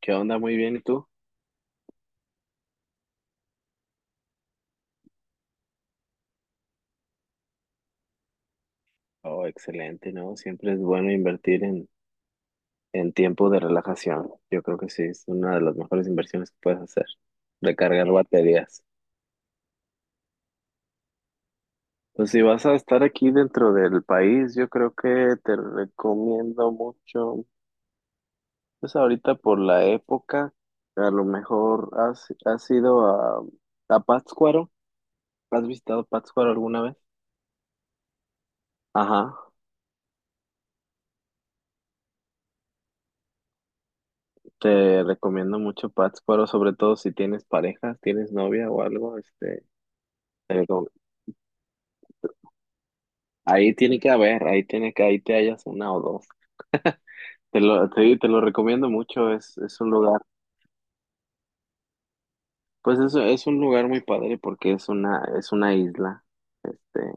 ¿Qué onda? Muy bien, ¿y tú? Oh, excelente, ¿no? Siempre es bueno invertir en tiempo de relajación. Yo creo que sí, es una de las mejores inversiones que puedes hacer. Recargar baterías. Pues si vas a estar aquí dentro del país, yo creo que te recomiendo mucho. Pues ahorita por la época, a lo mejor has ido a Pátzcuaro. ¿Has visitado Pátzcuaro alguna vez? Ajá, te recomiendo mucho Pátzcuaro, sobre todo si tienes pareja, tienes novia o algo. Pero ahí tiene que haber, ahí tiene que, ahí te hallas una o dos. Te lo recomiendo mucho. Es un lugar, pues es un lugar muy padre porque es una isla. Este,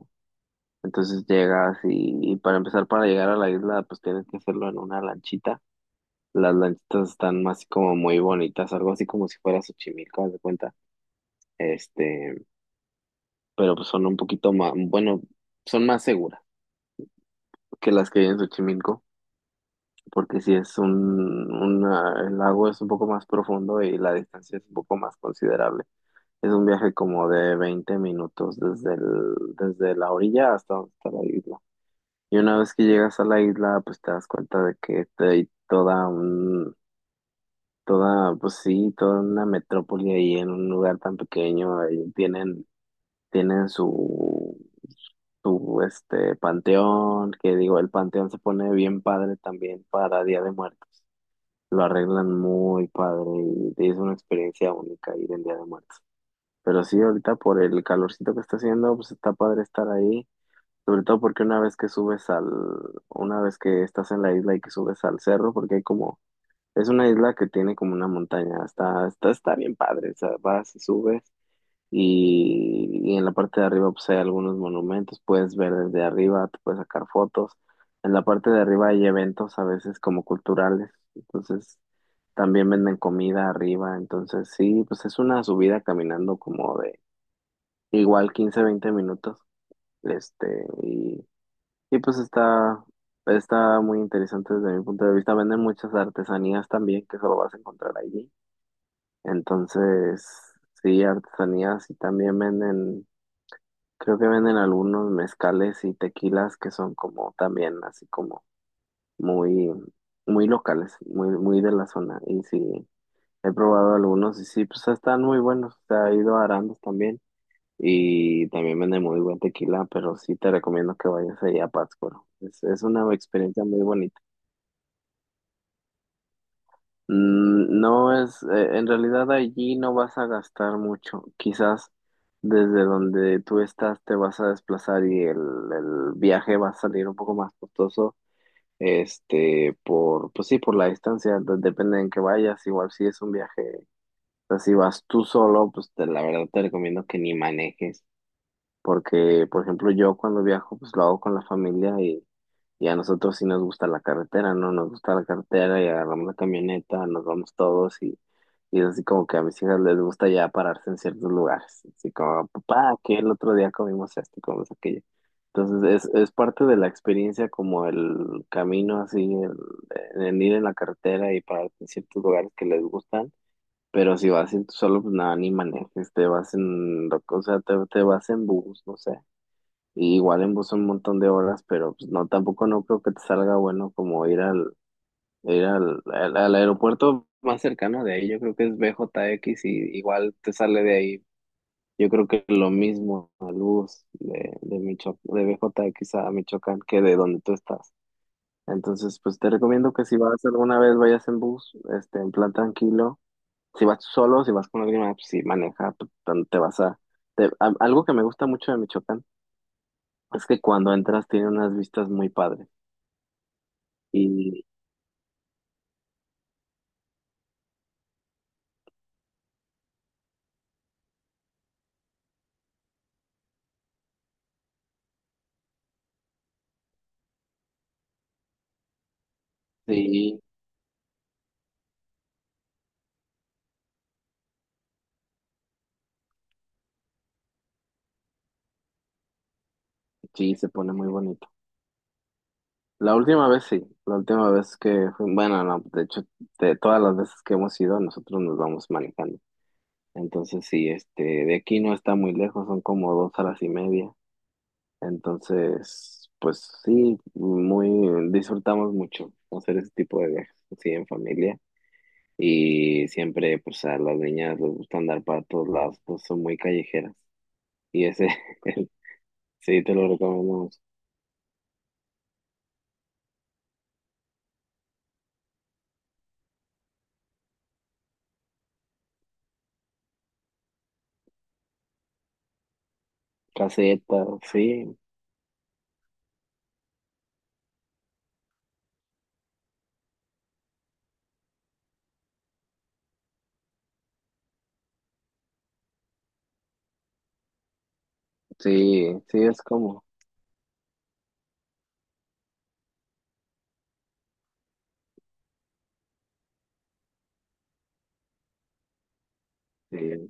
entonces llegas y para empezar, para llegar a la isla, pues tienes que hacerlo en una lanchita. Las lanchitas están más como muy bonitas, algo así como si fuera Xochimilco, haz de cuenta. Este, pero pues son un poquito más, bueno, son más seguras que las que hay en Xochimilco, porque si es un, una- el lago es un poco más profundo y la distancia es un poco más considerable. Es un viaje como de 20 minutos desde la orilla hasta donde está la isla. Y una vez que llegas a la isla, pues te das cuenta de que hay pues sí, toda una metrópoli ahí en un lugar tan pequeño. Tienen su panteón, que digo, el panteón se pone bien padre también para Día de Muertos. Lo arreglan muy padre y es una experiencia única ir en Día de Muertos. Pero sí, ahorita por el calorcito que está haciendo, pues está padre estar ahí, sobre todo porque una vez que estás en la isla y que subes al cerro, porque hay como, es una isla que tiene como una montaña. Está bien padre, o sea, vas y subes y, y en la parte de arriba pues hay algunos monumentos, puedes ver desde arriba, te puedes sacar fotos. En la parte de arriba hay eventos a veces como culturales, entonces también venden comida arriba. Entonces sí, pues es una subida caminando como de igual 15-20 minutos. este, y, y pues está muy interesante desde mi punto de vista. Venden muchas artesanías también que solo vas a encontrar allí. Entonces sí, artesanías, y también venden. Creo que venden algunos mezcales y tequilas que son como también así como muy, muy locales, muy, muy de la zona. Y sí, he probado algunos y sí, pues están muy buenos. Se ha ido a Arandas también y también venden muy buen tequila, pero sí te recomiendo que vayas allá a Pátzcuaro. Es una experiencia muy bonita. Mm. No, en realidad allí no vas a gastar mucho. Quizás desde donde tú estás te vas a desplazar y el viaje va a salir un poco más costoso. Pues sí, por la distancia, depende en que vayas. Igual si es un viaje, o sea, si vas tú solo, la verdad te recomiendo que ni manejes. Porque, por ejemplo, yo cuando viajo, pues lo hago con la familia y a nosotros sí nos gusta la carretera, ¿no? Nos gusta la carretera y agarramos la camioneta, nos vamos todos, y es así como que a mis hijas les gusta ya pararse en ciertos lugares. Así como, papá, que el otro día comimos esto y comimos aquello. Entonces es parte de la experiencia como el camino así, el ir en la carretera y pararte en ciertos lugares que les gustan. Pero si vas solo, pues nada, ni manejes, te vas en, o sea, te vas en bus, no sé. Y igual en bus un montón de horas, pero pues no, tampoco no creo que te salga bueno como al aeropuerto más cercano de ahí. Yo creo que es BJX, y igual te sale de ahí. Yo creo que lo mismo al bus de BJX a Michoacán que de donde tú estás. Entonces, pues te recomiendo que si vas alguna vez, vayas en bus, en plan tranquilo. Si vas solo, si vas con alguien más, pues sí, maneja, pues, te vas a... Algo que me gusta mucho de Michoacán es que cuando entras tiene unas vistas muy padres. Y sí, sí, se pone muy bonito. La última vez sí, la última vez que, fui- Bueno, no, de hecho, de todas las veces que hemos ido, nosotros nos vamos manejando. Entonces sí, de aquí no está muy lejos, son como 2 horas y media. Entonces, pues sí, disfrutamos mucho hacer ese tipo de viajes, sí, en familia. Y siempre, pues a las niñas les gusta andar para todos lados, pues son muy callejeras. Y ese, Sí, te lo recomendamos. Caseta, sí, sí, sí, es como, sí,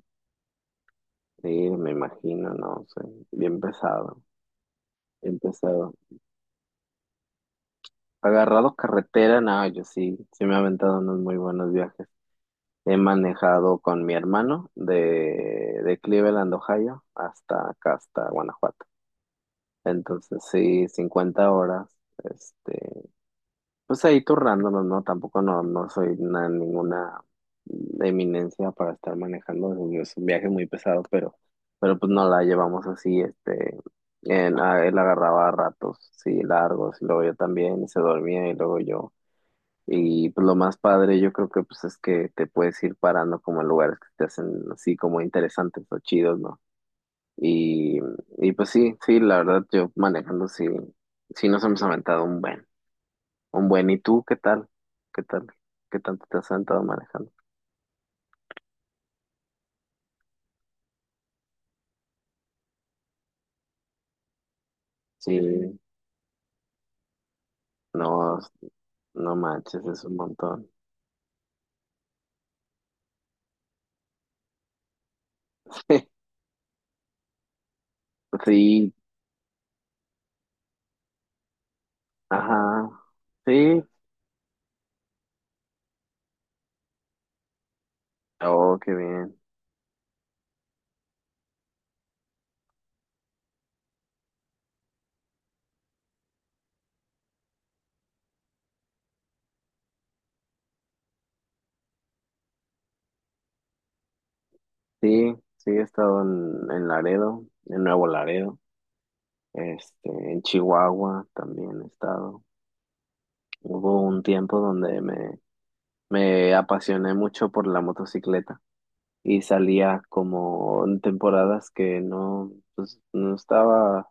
sí, me imagino, no sé, bien pesado, bien pesado. Agarrado carretera, no, yo sí me he aventado unos muy buenos viajes. He manejado con mi hermano de Cleveland, Ohio, hasta acá, hasta Guanajuato. Entonces, sí, 50 horas. este, Pues ahí turnándonos, ¿no? Tampoco no soy ninguna eminencia para estar manejando. Es un viaje muy pesado, pero pues no la llevamos así, él agarraba ratos, sí, largos, y luego yo también, y se dormía, y luego yo. Y pues lo más padre, yo creo que pues es que te puedes ir parando como en lugares que te hacen así como interesantes o chidos, ¿no? Y, y pues sí, sí, la verdad, yo manejando sí, sí, nos hemos aventado un buen. Un buen, ¿y tú qué tal? ¿Qué tal? ¿Qué tanto te has sentado manejando? Sí, no, no manches, es un montón. Sí, ajá, sí, oh, qué bien. Sí, sí, he estado en Laredo, en Nuevo Laredo. En Chihuahua también he estado. Hubo un tiempo donde me apasioné mucho por la motocicleta y salía como en temporadas que no estaba.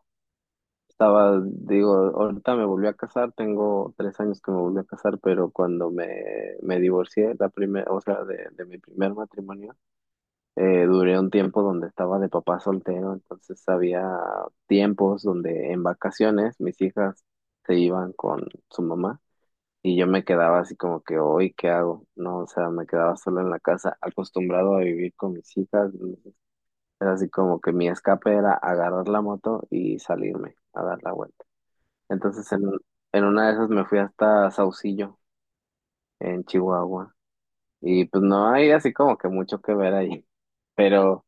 Estaba, digo, ahorita me volví a casar, tengo 3 años que me volví a casar, pero cuando me divorcié, la primera, o sea, de mi primer matrimonio, duré un tiempo donde estaba de papá soltero. Entonces había tiempos donde en vacaciones mis hijas se iban con su mamá, y yo me quedaba así como que, hoy, ¿qué hago? No, o sea, me quedaba solo en la casa, acostumbrado a vivir con mis hijas. Era así como que mi escape era agarrar la moto y salirme a dar la vuelta. Entonces en una de esas me fui hasta Saucillo, en Chihuahua. Y pues no hay así como que mucho que ver ahí. Pero,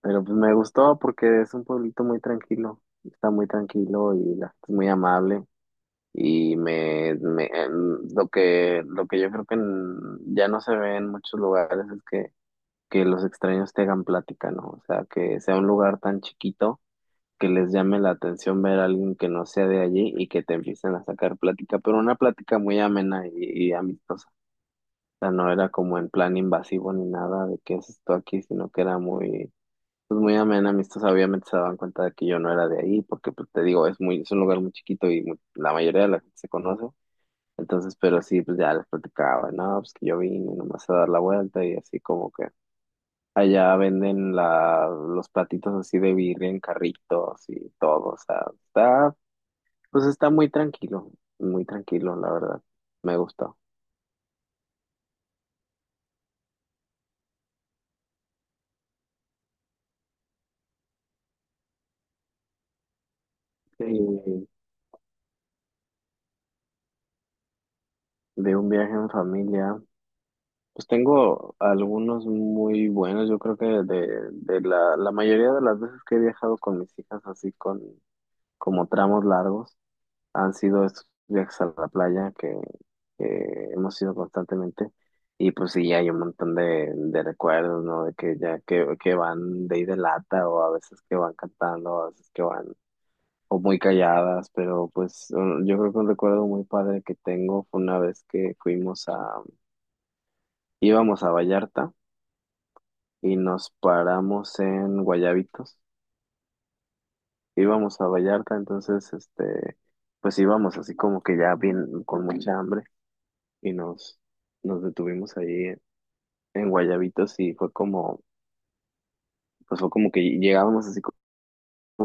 pero pues me gustó porque es un pueblito muy tranquilo. Está muy tranquilo y la gente es muy amable. Y lo que yo creo que ya no se ve en muchos lugares es que los extraños te hagan plática, ¿no? O sea, que sea un lugar tan chiquito que les llame la atención ver a alguien que no sea de allí y que te empiecen a sacar plática, pero una plática muy amena y amistosa. O sea, no era como en plan invasivo ni nada de qué es esto aquí, sino que era pues muy amena, amistosa. Obviamente se daban cuenta de que yo no era de ahí, porque pues te digo, es un lugar muy chiquito y la mayoría de la gente se conoce. Entonces, pero sí, pues ya les platicaba, no, pues que yo vine nomás a dar la vuelta y así como que allá venden los platitos así de birria en carritos y todo. O sea, está muy tranquilo, la verdad. Me gusta. Y de un viaje en familia, pues tengo algunos muy buenos. Yo creo que la mayoría de las veces que he viajado con mis hijas, así con como tramos largos, han sido estos viajes a la playa que hemos ido constantemente. Y pues sí, hay un montón de recuerdos, ¿no? De que ya que van de ida de lata, o a veces que van cantando, a veces que van o muy calladas, pero pues yo creo que un recuerdo muy padre que tengo fue una vez que íbamos a Vallarta y nos paramos en Guayabitos. Íbamos a Vallarta. Entonces, pues íbamos así como que ya bien, con mucha hambre, y nos detuvimos ahí en Guayabitos, y fue como, pues fue como que llegábamos así con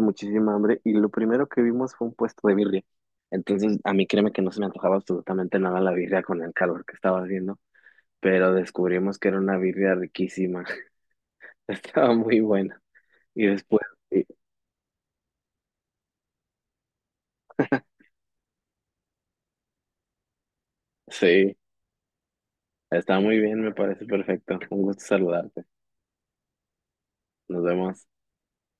muchísima hambre, y lo primero que vimos fue un puesto de birria. Entonces, a mí créeme que no se me antojaba absolutamente nada la birria con el calor que estaba haciendo, pero descubrimos que era una birria riquísima. Estaba muy buena. Y después, sí, sí, está muy bien, me parece perfecto. Un gusto saludarte. Nos vemos.